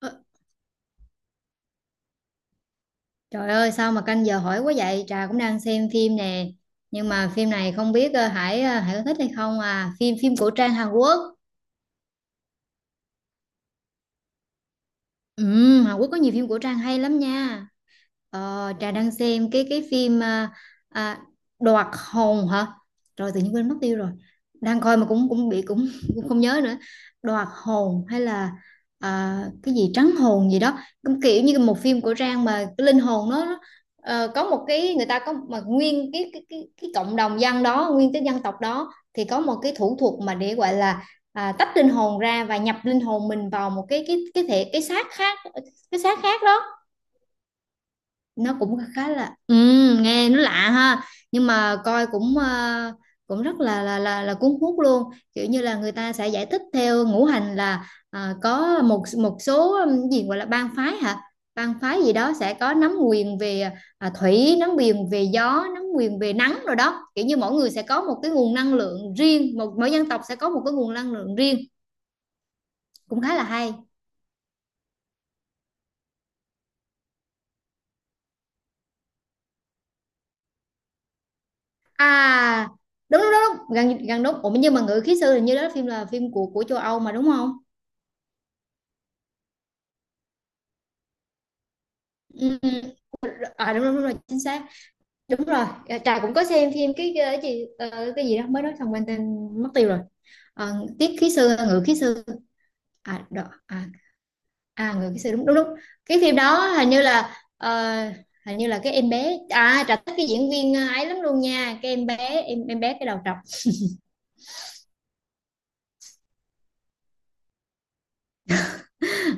Ơ, trời ơi sao mà canh giờ hỏi quá vậy. Trà cũng đang xem phim nè. Nhưng mà phim này không biết, Hải, Hải có thích hay không à? Phim phim cổ trang Hàn Quốc. Ừ, Hàn Quốc có nhiều phim cổ trang hay lắm nha. Ờ, Trà đang xem cái phim, à, Đoạt Hồn hả? Rồi tự nhiên quên mất tiêu rồi. Đang coi mà cũng cũng bị cũng, cũng không nhớ nữa. Đoạt Hồn hay là, à, cái gì Trắng Hồn gì đó. Cũng kiểu như một phim cổ trang mà cái linh hồn ờ, có một cái người ta có, mà nguyên cái cộng đồng dân đó, nguyên cái dân tộc đó thì có một cái thủ thuật mà để gọi là, à, tách linh hồn ra và nhập linh hồn mình vào một cái thể, cái xác khác, cái xác khác đó. Nó cũng khá là, ừ, nghe nó lạ ha, nhưng mà coi cũng, ờ, cũng rất là cuốn hút luôn. Kiểu như là người ta sẽ giải thích theo ngũ hành là, à, có một một số, gì gọi là bang phái hả, bang phái gì đó sẽ có nắm quyền về, à, thủy, nắm quyền về gió, nắm quyền về nắng rồi đó. Kiểu như mỗi người sẽ có một cái nguồn năng lượng riêng, một mỗi dân tộc sẽ có một cái nguồn năng lượng riêng, cũng khá là hay. À đúng đúng đúng đúng, gần gần đúng. Ủa nhưng mà ngự khí sư hình như đó là phim, là phim của châu Âu mà đúng không? Ừ, ừ. À đúng, đúng đúng rồi, chính xác. Đúng rồi, à, Trà cũng có xem phim cái gì, ờ, cái gì đó mới nói xong quên tên mất tiêu rồi. Ờ, tiết khí sư, ngự khí sư. À đó à, à ngự khí sư đúng đúng đúng. Cái phim đó hình như là, ờ, hình như là cái em bé, à Trà thích cái diễn viên, ờ, ấy lắm luôn nha, cái em bé, em bé cái đầu trọc.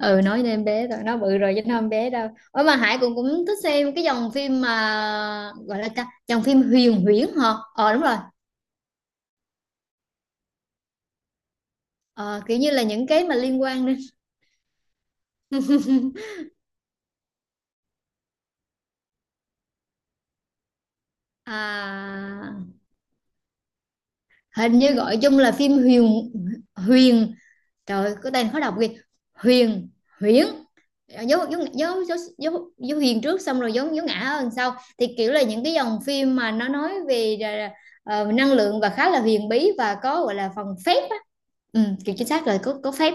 Ừ, nói đến em bé rồi nó bự rồi chứ nó không bé đâu. Ủa mà Hải cũng cũng thích xem cái dòng phim mà gọi là dòng phim huyền huyễn hả? Ờ đúng rồi, ờ, kiểu như là những cái mà liên quan đến à, hình như gọi chung là phim huyền, huyền, trời ơi, có tên khó đọc kìa, huyền huyễn, dấu huyền trước xong rồi dấu dấu ngã hơn sau, thì kiểu là những cái dòng phim mà nó nói về, ờ, năng lượng và khá là huyền bí và có gọi là phần phép. Ừ, kiểu chính xác rồi, có phép.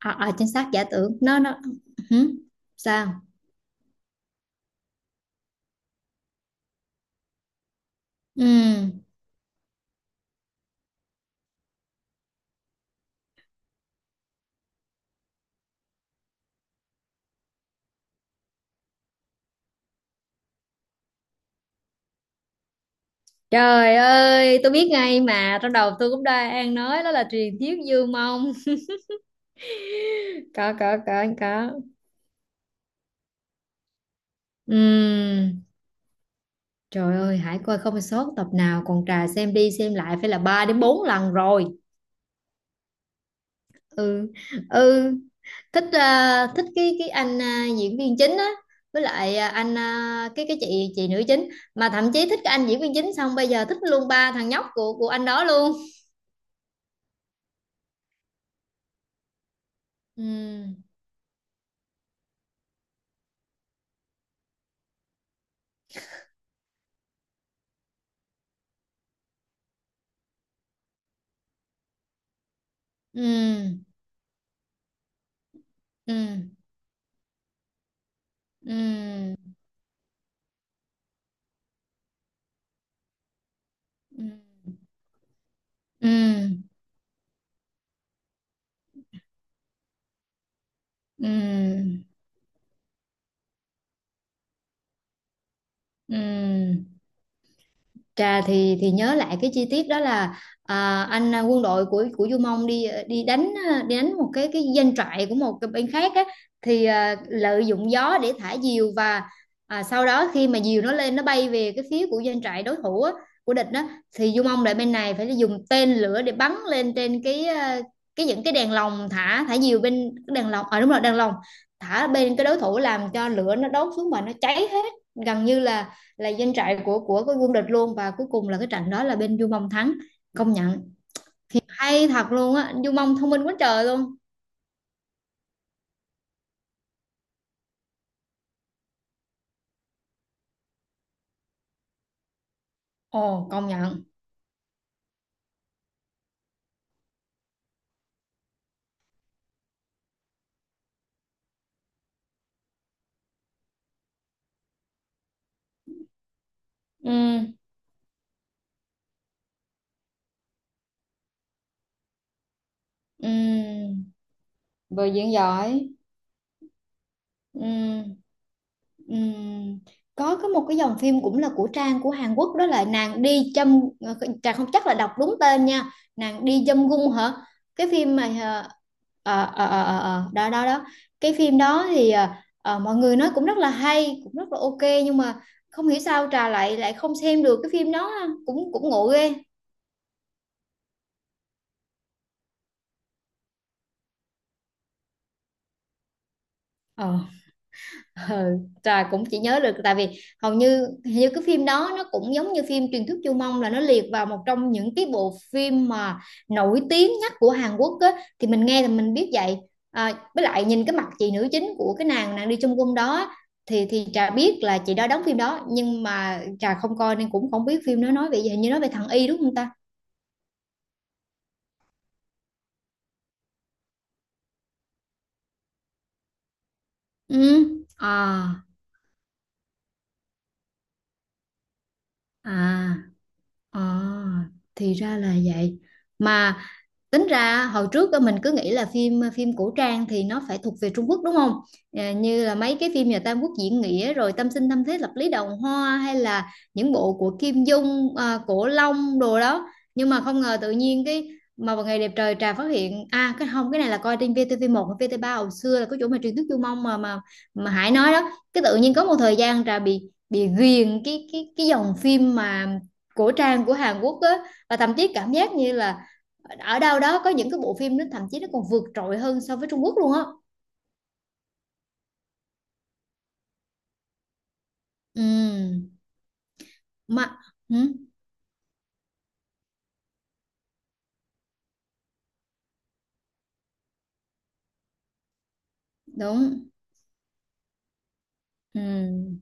À, à, chính xác, giả tưởng nó nó. Hử? Sao? Ừ. Trời ơi tôi biết ngay mà, trong đầu tôi cũng đang nói đó là truyền thuyết Dương Mông. Có có có. Ừ. Trời ơi hãy coi không sót tập nào, còn Trà xem đi xem lại phải là 3 đến 4 lần rồi. Ừ. Ừ. Thích, ờ, thích cái anh, ờ, diễn viên chính á, với lại, ờ, anh, ờ, cái chị nữ chính, mà thậm chí thích cái anh diễn viên chính xong bây giờ thích luôn ba thằng nhóc của anh đó luôn. Ừ ừ ừ ừ ừ ừ ừ ừ. Trà thì nhớ lại cái chi tiết đó là, à, anh, à, quân đội của Du Mông đi, ờ, đi đánh, à, đi đánh một cái doanh trại của một cái bên khác á, thì, à, lợi dụng gió để thả diều và, à, sau đó khi mà diều nó lên nó bay về cái phía của doanh trại đối thủ á, của địch đó, thì Du Mông lại bên này phải dùng tên lửa để bắn lên trên cái, à, cái những cái đèn lồng, thả thả diều, bên cái đèn lồng, à đúng rồi đèn lồng, thả bên cái đối thủ làm cho lửa nó đốt xuống mà nó cháy hết, gần như là doanh trại của cái quân địch luôn, và cuối cùng là cái trận đó là bên Du Mông thắng, công nhận hay thật luôn á, Du Mông thông minh quá trời luôn. Ồ công nhận. Ừ. Ừ. Vừa diễn giỏi. Ừm, ừm. Có một cái dòng phim cũng là của Trang của Hàn Quốc đó là nàng đi châm, Trang không chắc là đọc đúng tên nha, nàng đi châm gung hả, cái phim mà, ờ, ờ, ờ, ờ, ờ, ờ, đó đó đó, cái phim đó thì, ờ, ờ, mọi người nói cũng rất là hay, cũng rất là ok, nhưng mà không hiểu sao Trà lại lại không xem được cái phim đó, cũng cũng ngộ ghê. Ờ. Ừ, trời cũng chỉ nhớ được tại vì hầu như, hình như cái phim đó nó cũng giống như phim Truyền thuyết Chu Mông, là nó liệt vào một trong những cái bộ phim mà nổi tiếng nhất của Hàn Quốc á, thì mình nghe thì mình biết vậy. À, với lại nhìn cái mặt chị nữ chính của cái nàng nàng đi Chung cung đó á, thì Trà biết là chị đó đóng phim đó, nhưng mà Trà không coi nên cũng không biết phim nó nói về gì, hình như nói về thằng Y đúng không ta? Ừ. À à à, thì ra là vậy. Mà tính ra hồi trước á, mình cứ nghĩ là phim phim cổ trang thì nó phải thuộc về Trung Quốc đúng không? Ờ, như là mấy cái phim nhà Tam Quốc diễn nghĩa, rồi Tam sinh tam thế lập lý đồng hoa, hay là những bộ của Kim Dung, à, Cổ Long đồ đó. Nhưng mà không ngờ tự nhiên cái, mà vào ngày đẹp trời Trà phát hiện, à cái không, cái này là coi trên VTV1 và VTV3 hồi xưa, là có chỗ mà truyền thuyết Du Mông mà mà Hải nói đó. Cái tự nhiên có một thời gian Trà bị ghiền cái dòng phim mà cổ trang của Hàn Quốc á, và thậm chí cảm giác như là ở đâu đó có những cái bộ phim nó thậm chí nó còn vượt trội hơn so với Trung Quốc luôn á. Ừ. Mà ừ, đúng. Ừ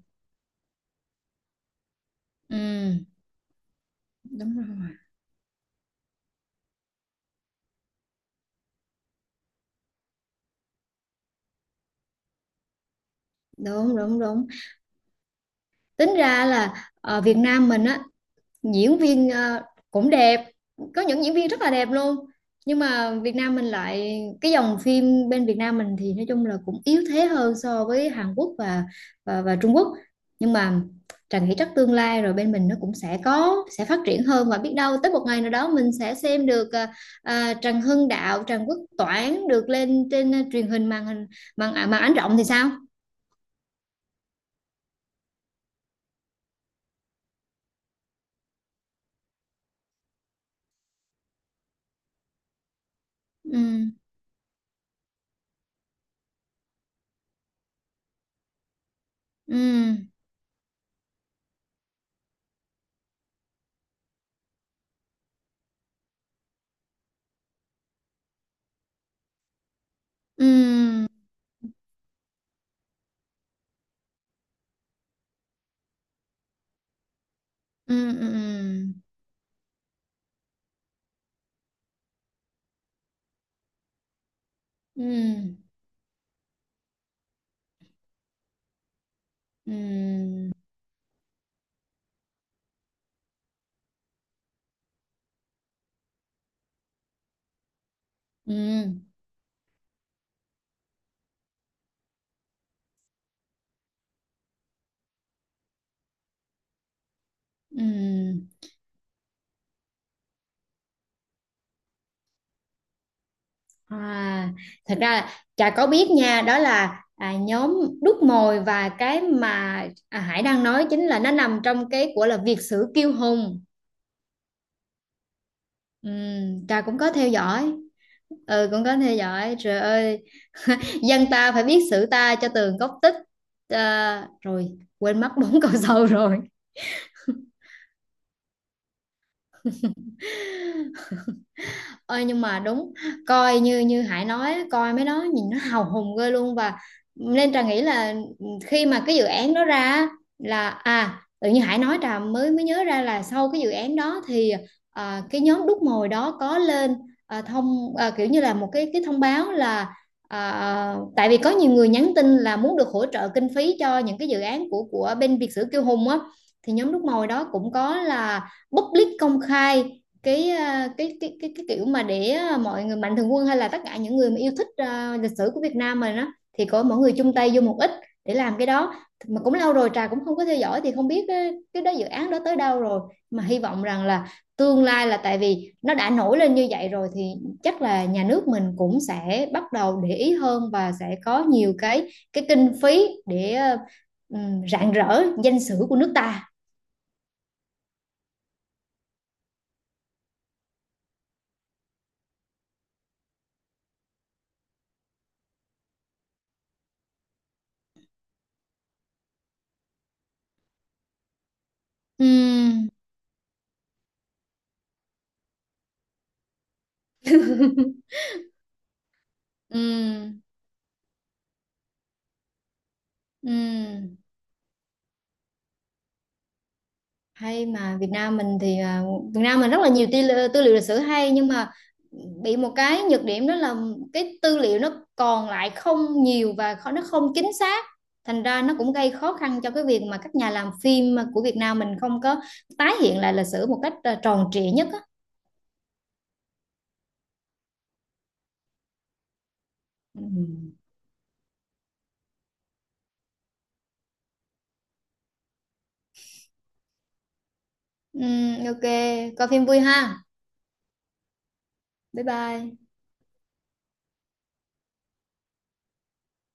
ừ. Đúng rồi. Đúng đúng đúng. Tính ra là ở Việt Nam mình á, diễn viên, ờ, cũng đẹp, có những diễn viên rất là đẹp luôn, nhưng mà Việt Nam mình lại cái dòng phim bên Việt Nam mình thì nói chung là cũng yếu thế hơn so với Hàn Quốc và, và Trung Quốc. Nhưng mà Trà nghĩ chắc tương lai rồi bên mình nó cũng sẽ có, sẽ phát triển hơn, và biết đâu tới một ngày nào đó mình sẽ xem được, à, à, Trần Hưng Đạo, Trần Quốc Toản được lên trên, à, truyền hình, màn hình, màn, à, màn ảnh rộng thì sao. Ừ ừ ừ ừ ừ ừ ừ. Ừ, ừ, ừ. À, thật ra là Trà có biết nha, đó là, à, nhóm đúc mồi, và cái mà, à, Hải đang nói chính là nó nằm trong cái của là Việt sử kiêu hùng. Ừ, Trà cũng có theo dõi, ừ cũng có theo dõi, trời ơi, dân ta phải biết sử ta cho tường gốc tích, à, rồi quên mất bốn câu sau. Rồi. Ơi nhưng mà đúng, coi như như Hải nói coi mấy đó nhìn nó hào hùng ghê luôn, và nên Trà nghĩ là, ừ, khi mà cái dự án đó ra á, là à, tự nhiên Hải nói Trà mới mới nhớ ra là sau cái dự án đó thì, à, cái nhóm đúc mồi đó có lên, à, thông, à, kiểu như là một cái thông báo là, à, tại vì có nhiều người nhắn tin là muốn được hỗ trợ kinh phí cho những cái dự án của bên Việt Sử Kiêu Hùng á, thì nhóm đúc mồi đó cũng có là public công khai cái, à, cái kiểu mà để, à, mọi người mạnh thường quân hay là tất cả những người mà yêu thích, à, lịch sử của Việt Nam mình đó, thì có mọi người chung tay vô một ít để làm cái đó. Mà cũng lâu rồi Trà cũng không có theo dõi thì không biết cái đó dự án đó tới đâu rồi. Mà hy vọng rằng là tương lai, là tại vì nó đã nổi lên như vậy rồi thì chắc là nhà nước mình cũng sẽ bắt đầu để ý hơn và sẽ có nhiều cái kinh phí để, à, rạng rỡ danh sử của nước ta. Ừm. Ừ, ừ. Hay mà Việt Nam mình thì, à, Việt Nam mình rất là nhiều tư, tư liệu lịch sử hay, nhưng mà bị một cái nhược điểm đó là cái tư liệu nó còn lại không nhiều và nó không chính xác, thành ra nó cũng gây khó khăn cho cái việc mà các nhà làm phim mà của Việt Nam mình không có tái hiện lại lịch sử một cách, à, tròn trịa nhất á. Ừ. Ok, coi phim vui ha, bye bye.